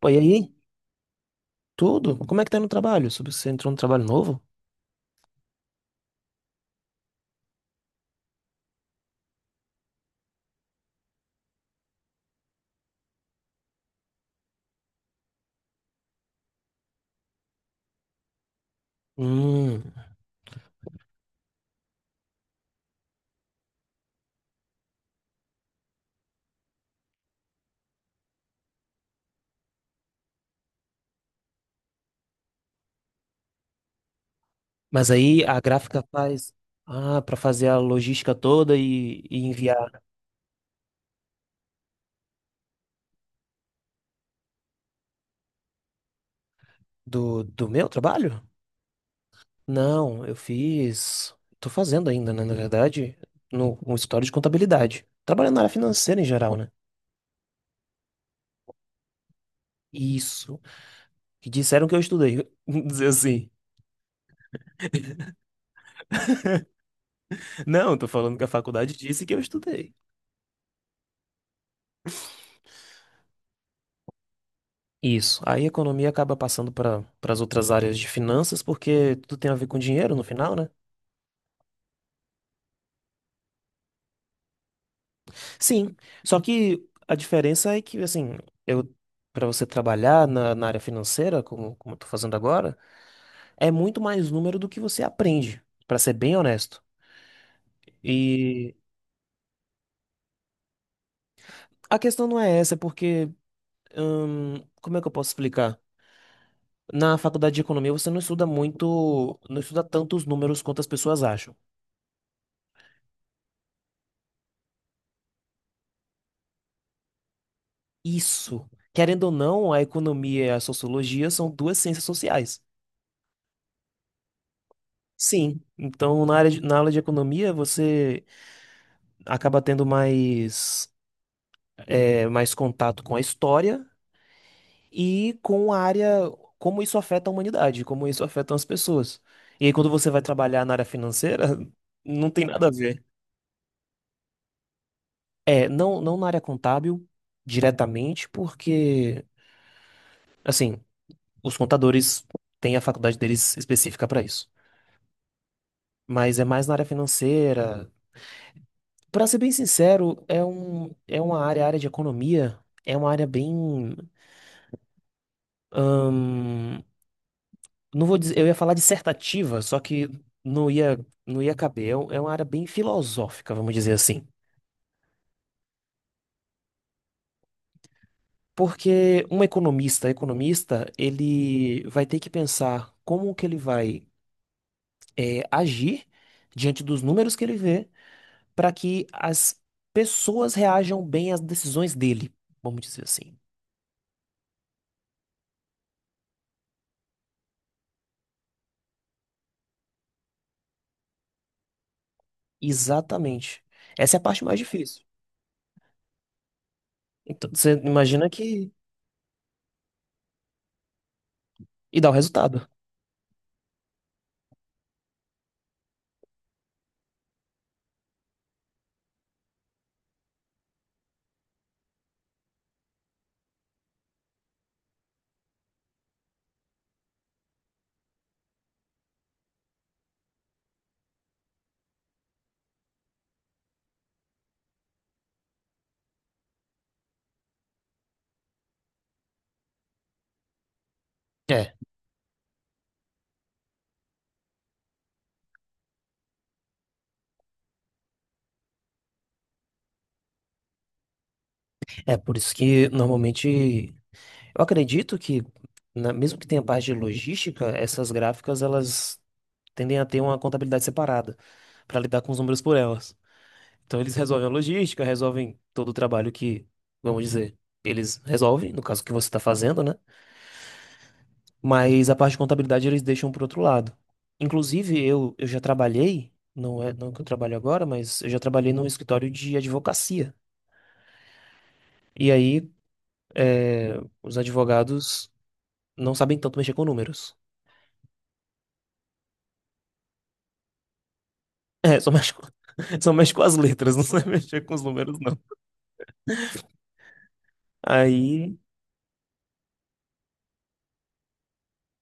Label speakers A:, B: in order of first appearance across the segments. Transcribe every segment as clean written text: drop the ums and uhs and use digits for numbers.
A: Pô, e aí? Tudo? Como é que tá no trabalho? Sobre- Você entrou no trabalho novo? Hum. Mas aí a gráfica faz. Ah, pra fazer a logística toda e enviar do meu trabalho? Não, eu fiz. Tô fazendo ainda, né? Na verdade, no escritório de contabilidade. Trabalhando na área financeira em geral, né? Isso. Que disseram que eu estudei. Vamos dizer assim. Não, tô falando que a faculdade disse que eu estudei. Isso. Aí a economia acaba passando para as outras áreas de finanças, porque tudo tem a ver com dinheiro no final, né? Sim. Só que a diferença é que, assim, eu para você trabalhar na área financeira, como eu tô fazendo agora, é muito mais número do que você aprende, para ser bem honesto. E a questão não é essa, é porque, como é que eu posso explicar? Na faculdade de economia você não estuda muito, não estuda tantos números quanto as pessoas acham. Isso. Querendo ou não, a economia e a sociologia são duas ciências sociais. Sim. Então, na área de- na aula de economia, você acaba tendo mais, é, mais contato com a história e com a área, como isso afeta a humanidade, como isso afeta as pessoas. E aí, quando você vai trabalhar na área financeira, não tem nada a ver. É, não, não na área contábil diretamente, porque, assim, os contadores têm a faculdade deles específica para isso. Mas é mais na área financeira. Pra ser bem sincero, é um, é uma área, a área de economia, é uma área bem, hum, não vou dizer, eu ia falar dissertativa, só que não ia, não ia caber. É um- é uma área bem filosófica, vamos dizer assim. Porque um economista, economista, ele vai ter que pensar como que ele vai, agir diante dos números que ele vê para que as pessoas reajam bem às decisões dele, vamos dizer assim. Exatamente. Essa é a parte mais difícil. Então, você imagina que. E dá o resultado. É. É por isso que normalmente. Eu acredito que, na- mesmo que tenha parte de logística, essas gráficas elas tendem a ter uma contabilidade separada para lidar com os números por elas. Então eles resolvem a logística, resolvem todo o trabalho que, vamos dizer, eles resolvem, no caso que você está fazendo, né? Mas a parte de contabilidade eles deixam para outro lado. Inclusive, eu já trabalhei, não é não que eu trabalho agora, mas eu já trabalhei num escritório de advocacia. E aí, é, os advogados não sabem tanto mexer com números. É, só mexe com, só mexe com as letras, não sabe mexer com os números, não. Aí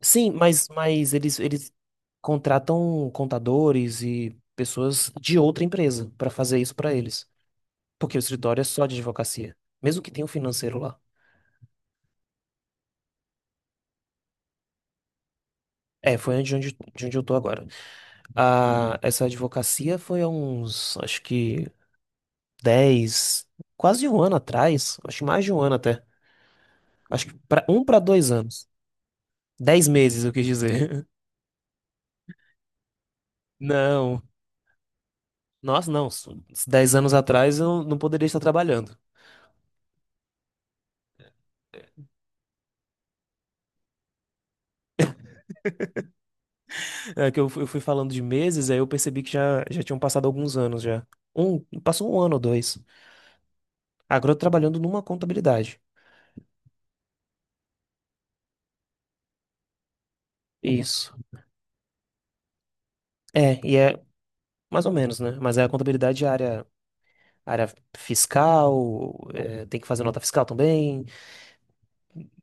A: sim, mas eles, eles contratam contadores e pessoas de outra empresa para fazer isso para eles. Porque o escritório é só de advocacia, mesmo que tenha um financeiro lá. É, foi onde, onde, de onde eu tô agora. Ah, essa advocacia foi há uns, acho que 10 quase um ano atrás, acho que mais de um ano até. Acho que pra, um para dois anos. Dez meses, eu quis dizer. Não, nossa, não. s- Dez anos atrás eu não poderia estar trabalhando. É que eu, fu- eu fui falando de meses, aí eu percebi que já, já tinham passado alguns anos já. Um, passou um ano ou dois. Agora eu tô trabalhando numa contabilidade. Isso. É, e é mais ou menos, né? Mas é a contabilidade de área, área fiscal, é, tem que fazer nota fiscal também.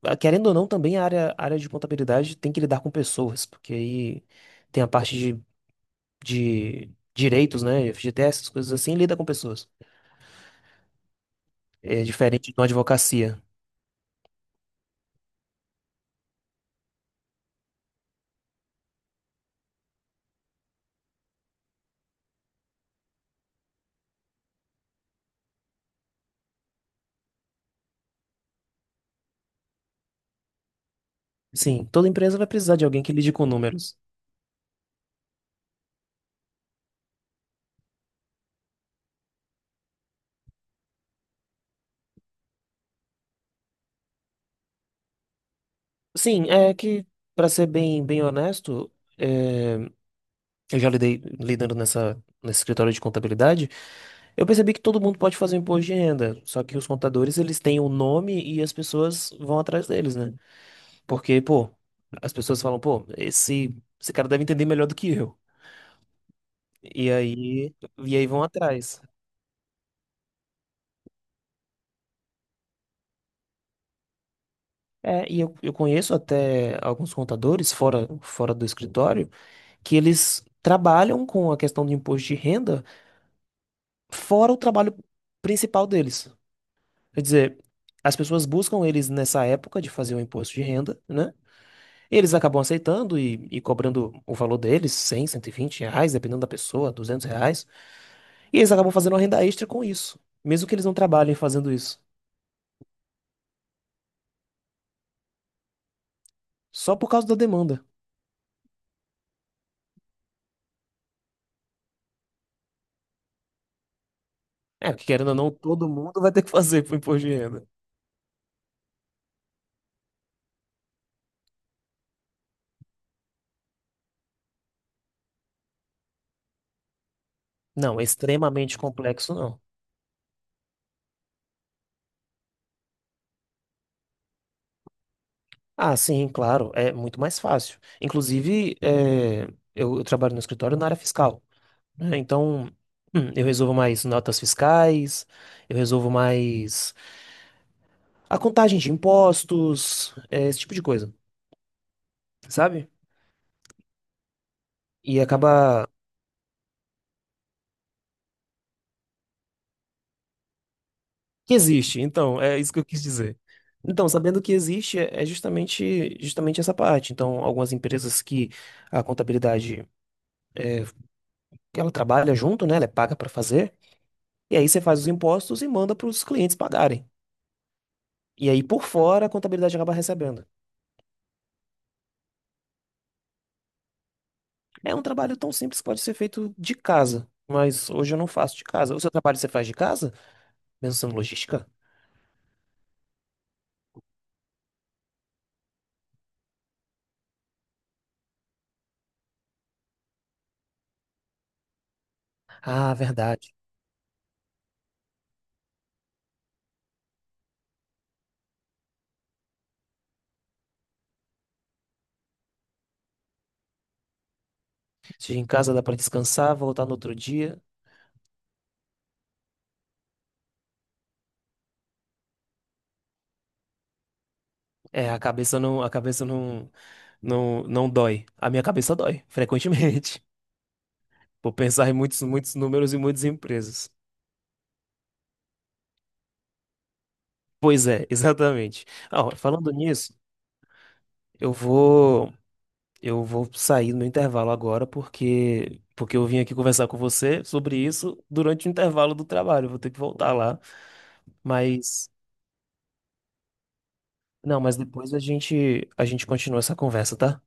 A: Ah, querendo ou não, também a área, área de contabilidade tem que lidar com pessoas, porque aí tem a parte de direitos, né? FGTS, essas coisas assim, lida com pessoas. É diferente de uma advocacia. Sim, toda empresa vai precisar de alguém que lide com números. Sim, é que, para ser bem, bem honesto, é, eu já lidei lidando nessa, nesse escritório de contabilidade, eu percebi que todo mundo pode fazer um imposto de renda, só que os contadores, eles têm o nome e as pessoas vão atrás deles, né? Porque, pô, as pessoas falam, pô, esse cara deve entender melhor do que eu. E aí, e aí vão atrás. É, e eu conheço até alguns contadores fora, fora do escritório que eles trabalham com a questão do imposto de renda fora o trabalho principal deles. Quer dizer, as pessoas buscam eles nessa época de fazer o imposto de renda, né? Eles acabam aceitando e cobrando o valor deles, R$ 100, R$ 120, dependendo da pessoa, R$ 200. E eles acabam fazendo uma renda extra com isso, mesmo que eles não trabalhem fazendo isso, só por causa da demanda. É, porque querendo ou não, todo mundo vai ter que fazer pro imposto de renda. Não, é extremamente complexo não. Ah, sim, claro, é muito mais fácil. Inclusive, é, eu trabalho no escritório na área fiscal, né? Então, eu resolvo mais notas fiscais, eu resolvo mais a contagem de impostos, é, esse tipo de coisa, sabe? E acaba que existe. Então, é isso que eu quis dizer. Então, sabendo que existe, é é justamente, justamente essa parte. Então, algumas empresas que a contabilidade, que ela trabalha junto, né? Ela é paga para fazer. E aí você faz os impostos e manda para os clientes pagarem. E aí, por fora, a contabilidade acaba recebendo. É um trabalho tão simples que pode ser feito de casa. Mas hoje eu não faço de casa. O seu trabalho você faz de casa? Mesmo sendo logística? Ah, verdade. Chega em casa, dá para descansar, voltar no outro dia. É, a cabeça não, não, não dói. A minha cabeça dói, frequentemente. Por pensar em muitos, muitos números e muitas empresas. Pois é, exatamente. Ah, ó, falando nisso, eu vou, eu vou sair no intervalo agora porque, porque eu vim aqui conversar com você sobre isso durante o intervalo do trabalho. Eu vou ter que voltar lá. Mas, não, mas depois a gente continua essa conversa, tá?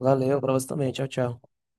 A: Valeu, pra você também. Tchau, tchau.